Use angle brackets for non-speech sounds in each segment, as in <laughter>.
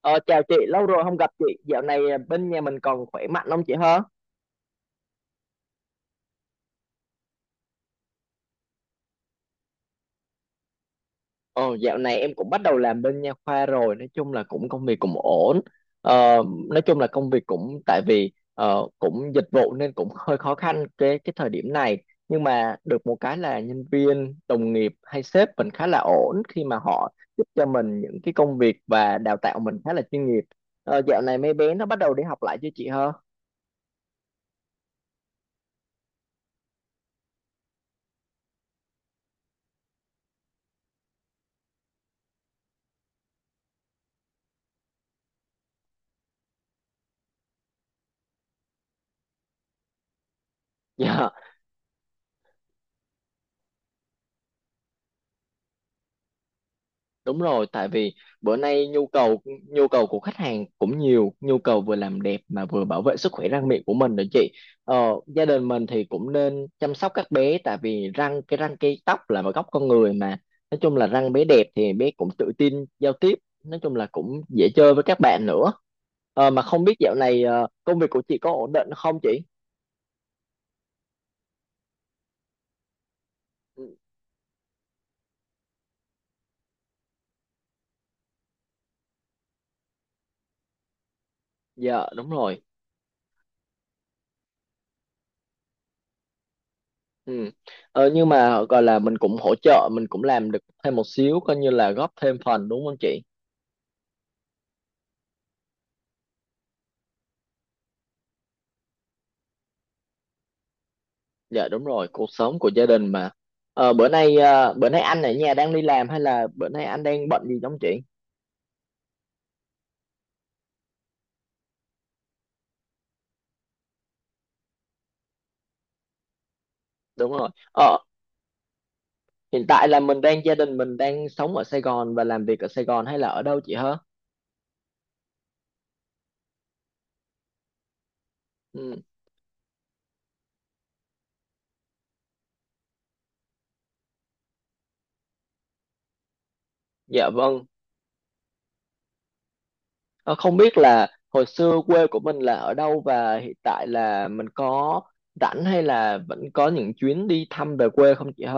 Ờ, Chào chị, lâu rồi không gặp chị. Dạo này bên nhà mình còn khỏe mạnh không chị hả? Ờ, Dạo này em cũng bắt đầu làm bên nha khoa rồi. Nói chung là cũng công việc cũng ổn. Ờ, nói chung là công việc cũng tại vì cũng dịch vụ nên cũng <laughs> hơi khó khăn cái thời điểm này. Nhưng mà được một cái là nhân viên, đồng nghiệp hay sếp mình khá là ổn khi mà họ giúp cho mình những cái công việc và đào tạo mình khá là chuyên nghiệp. Dạo này mấy bé nó bắt đầu đi học lại chưa chị hả? <laughs> Dạ. Đúng rồi, tại vì bữa nay nhu cầu của khách hàng cũng nhiều, nhu cầu vừa làm đẹp mà vừa bảo vệ sức khỏe răng miệng của mình nữa chị. Ờ, Gia đình mình thì cũng nên chăm sóc các bé tại vì răng cái tóc là một góc con người mà. Nói chung là răng bé đẹp thì bé cũng tự tin giao tiếp, nói chung là cũng dễ chơi với các bạn nữa. Mà không biết dạo này công việc của chị có ổn định không chị? Ừ, dạ đúng rồi. Ừ. Nhưng mà gọi là mình cũng hỗ trợ mình cũng làm được thêm một xíu coi như là góp thêm phần đúng không chị? Dạ đúng rồi, cuộc sống của gia đình mà. Bữa nay anh ở nhà đang đi làm hay là bữa nay anh đang bận gì không chị? Đúng rồi. Ờ, Hiện tại là mình đang gia đình mình đang sống ở Sài Gòn và làm việc ở Sài Gòn hay là ở đâu chị hả? Ừ. Dạ vâng. Ờ, Không biết là hồi xưa quê của mình là ở đâu và hiện tại là mình có rảnh hay là vẫn có những chuyến đi thăm về quê không chị hả?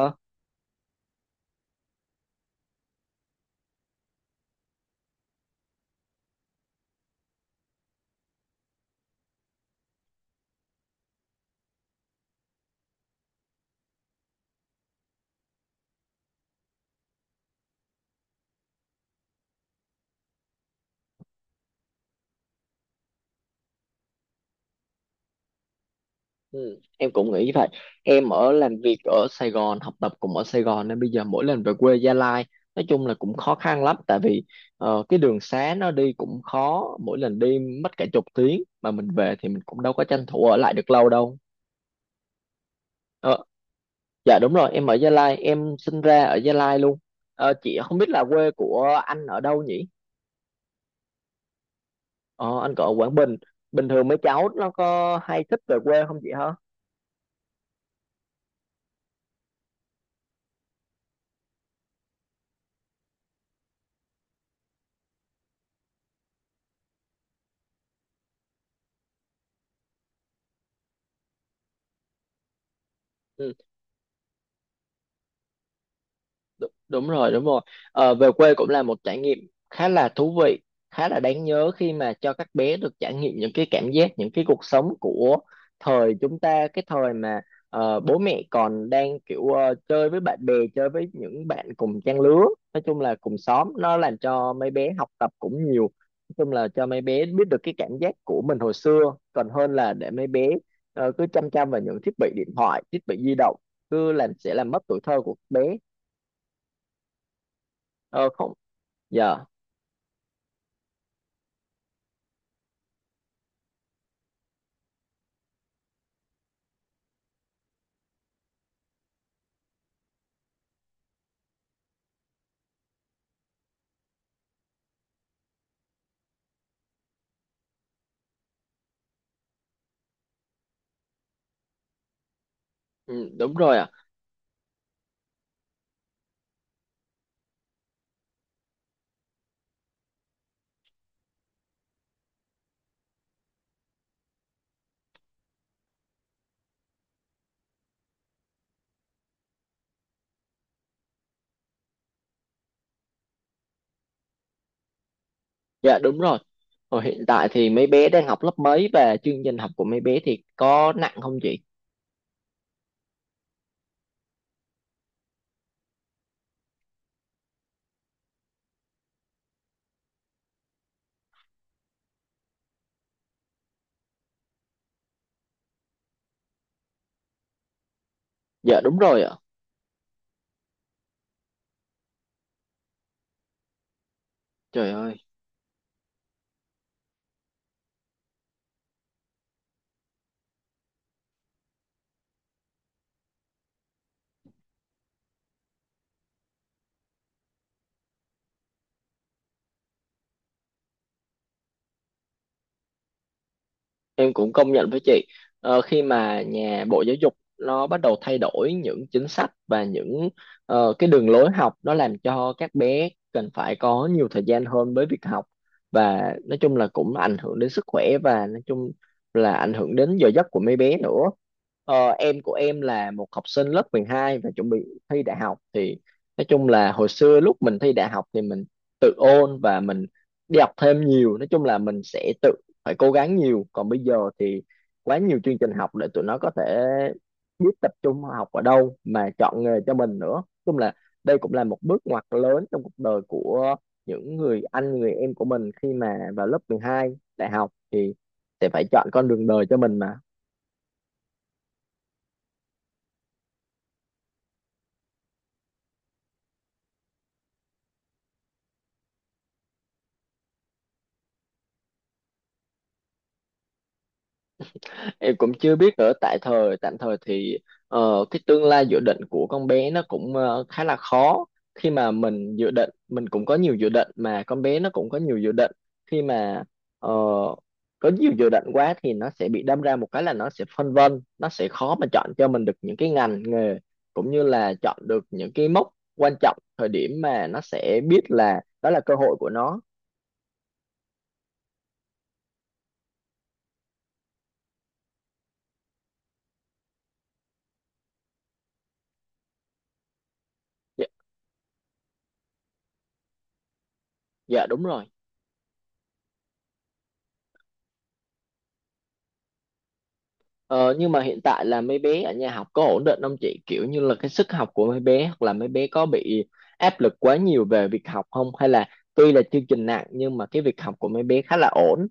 Ừ, em cũng nghĩ vậy. Em ở làm việc ở Sài Gòn, học tập cũng ở Sài Gòn nên bây giờ mỗi lần về quê Gia Lai nói chung là cũng khó khăn lắm, tại vì cái đường xá nó đi cũng khó, mỗi lần đi mất cả chục tiếng mà mình về thì mình cũng đâu có tranh thủ ở lại được lâu đâu. Ờ, dạ đúng rồi, em ở Gia Lai, em sinh ra ở Gia Lai luôn. Chị không biết là quê của anh ở đâu nhỉ. Ờ, anh còn ở Quảng Bình, bình thường mấy cháu nó có hay thích về quê không chị hả? Ừ. Đúng rồi, đúng rồi. Về quê cũng là một trải nghiệm khá là thú vị, khá là đáng nhớ khi mà cho các bé được trải nghiệm những cái cảm giác, những cái cuộc sống của thời chúng ta, cái thời mà bố mẹ còn đang kiểu chơi với bạn bè, chơi với những bạn cùng trang lứa, nói chung là cùng xóm, nó làm cho mấy bé học tập cũng nhiều, nói chung là cho mấy bé biết được cái cảm giác của mình hồi xưa, còn hơn là để mấy bé cứ chăm chăm vào những thiết bị điện thoại, thiết bị di động, cứ làm sẽ làm mất tuổi thơ của bé. Ờ, Không. Dạ, ừ, đúng rồi ạ. Dạ, đúng rồi. Rồi hiện tại thì mấy bé đang học lớp mấy và chương trình học của mấy bé thì có nặng không chị? Dạ, đúng rồi ạ. Trời ơi, em cũng công nhận với chị. Khi mà nhà Bộ Giáo dục nó bắt đầu thay đổi những chính sách và những cái đường lối học, nó làm cho các bé cần phải có nhiều thời gian hơn với việc học và nói chung là cũng ảnh hưởng đến sức khỏe và nói chung là ảnh hưởng đến giờ giấc của mấy bé nữa. Em của em là một học sinh lớp 12 và chuẩn bị thi đại học thì nói chung là hồi xưa lúc mình thi đại học thì mình tự ôn và mình đi học thêm nhiều, nói chung là mình sẽ tự phải cố gắng nhiều, còn bây giờ thì quá nhiều chương trình học để tụi nó có thể biết tập trung học ở đâu mà chọn nghề cho mình nữa. Nói chung là đây cũng là một bước ngoặt lớn trong cuộc đời của những người anh người em của mình khi mà vào lớp 12 đại học thì sẽ phải chọn con đường đời cho mình mà. Em cũng chưa biết nữa, tại thời tạm thời thì cái tương lai dự định của con bé nó cũng khá là khó, khi mà mình dự định, mình cũng có nhiều dự định mà con bé nó cũng có nhiều dự định. Khi mà ờ, có nhiều dự định quá thì nó sẽ bị đâm ra một cái là nó sẽ phân vân, nó sẽ khó mà chọn cho mình được những cái ngành nghề cũng như là chọn được những cái mốc quan trọng, thời điểm mà nó sẽ biết là đó là cơ hội của nó. Dạ, dạ đúng rồi. Ờ, nhưng mà hiện tại là mấy bé ở nhà học có ổn định không chị? Kiểu như là cái sức học của mấy bé hoặc là mấy bé có bị áp lực quá nhiều về việc học không? Hay là tuy là chương trình nặng nhưng mà cái việc học của mấy bé khá là ổn?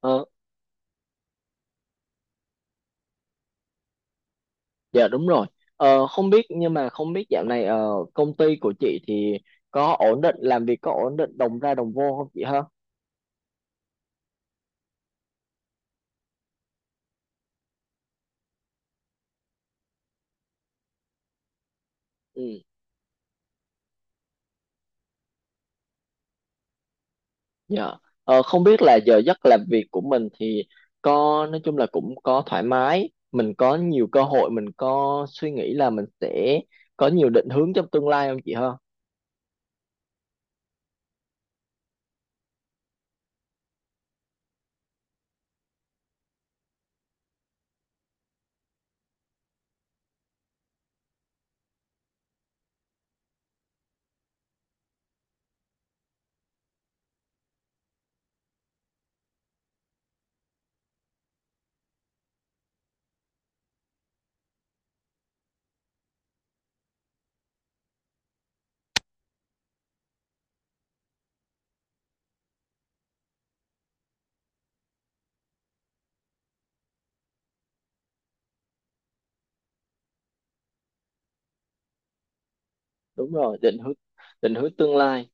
Ờ, dạ đúng rồi. Không biết dạo này công ty của chị thì có ổn định, làm việc có ổn định đồng ra đồng vô không chị ha? Ừ. Dạ. Không biết là giờ giấc làm việc của mình thì có nói chung là cũng có thoải mái, mình có nhiều cơ hội, mình có suy nghĩ là mình sẽ có nhiều định hướng trong tương lai không chị ha? Đúng rồi, định hướng tương lai.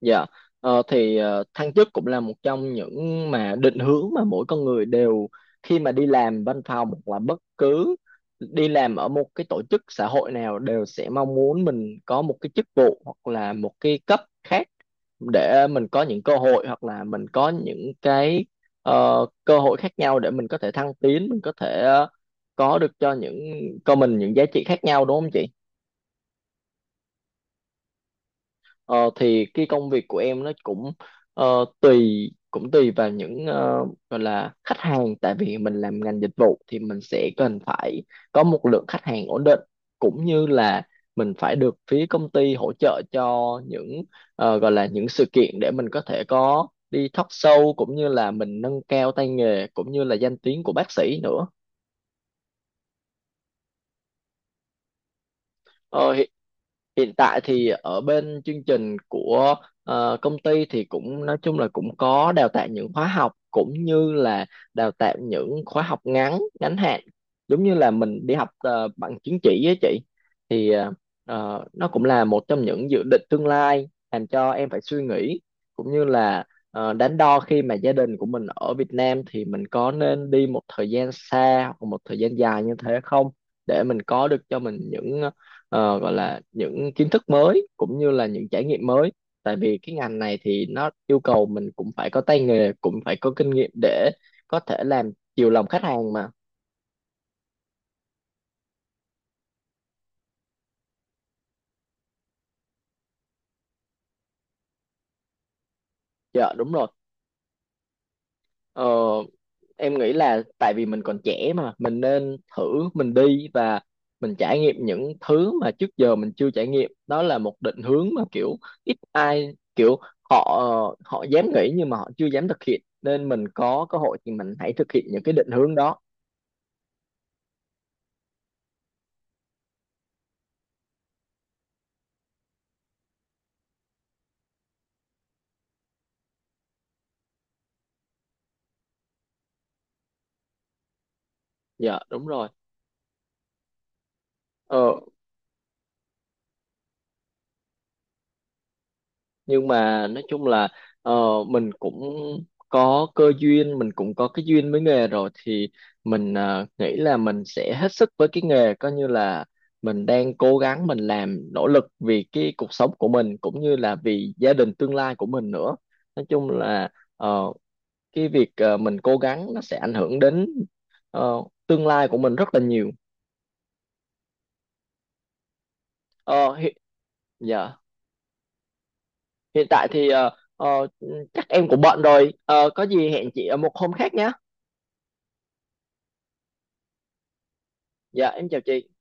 Dạ, thăng chức cũng là một trong những mà định hướng mà mỗi con người đều khi mà đi làm văn phòng hoặc là bất cứ đi làm ở một cái tổ chức xã hội nào đều sẽ mong muốn mình có một cái chức vụ hoặc là một cái cấp khác để mình có những cơ hội hoặc là mình có những cái cơ hội khác nhau để mình có thể thăng tiến, mình có thể có được cho những cho mình những giá trị khác nhau đúng không chị? Ờ, thì cái công việc của em nó cũng tùy cũng tùy vào những gọi là khách hàng, tại vì mình làm ngành dịch vụ thì mình sẽ cần phải có một lượng khách hàng ổn định cũng như là mình phải được phía công ty hỗ trợ cho những gọi là những sự kiện để mình có thể có đi talk show cũng như là mình nâng cao tay nghề cũng như là danh tiếng của bác sĩ nữa. Ờ, Hiện tại thì ở bên chương trình của công ty thì cũng nói chung là cũng có đào tạo những khóa học cũng như là đào tạo những khóa học ngắn ngắn hạn, giống như là mình đi học bằng chứng chỉ với chị thì nó cũng là một trong những dự định tương lai làm cho em phải suy nghĩ cũng như là đắn đo, khi mà gia đình của mình ở Việt Nam thì mình có nên đi một thời gian xa hoặc một thời gian dài như thế không, để mình có được cho mình những gọi là những kiến thức mới cũng như là những trải nghiệm mới, tại vì cái ngành này thì nó yêu cầu mình cũng phải có tay nghề cũng phải có kinh nghiệm để có thể làm chiều lòng khách hàng mà. Dạ đúng rồi. ờ, em nghĩ là tại vì mình còn trẻ mà mình nên thử, mình đi và mình trải nghiệm những thứ mà trước giờ mình chưa trải nghiệm, đó là một định hướng mà kiểu ít ai kiểu họ họ dám nghĩ nhưng mà họ chưa dám thực hiện, nên mình có cơ hội thì mình hãy thực hiện những cái định hướng đó. Dạ đúng rồi. Ờ, nhưng mà nói chung là ờ, mình cũng có cơ duyên, mình cũng có cái duyên với nghề rồi thì mình nghĩ là mình sẽ hết sức với cái nghề, coi như là mình đang cố gắng, mình làm nỗ lực vì cái cuộc sống của mình cũng như là vì gia đình tương lai của mình nữa. Nói chung là ờ, cái việc mình cố gắng nó sẽ ảnh hưởng đến ờ, tương lai của mình rất là nhiều. Ờ, hi- dạ hiện tại thì ờ, chắc em cũng bận rồi. Ờ, có gì hẹn chị ở một hôm khác nhé. Dạ em chào chị.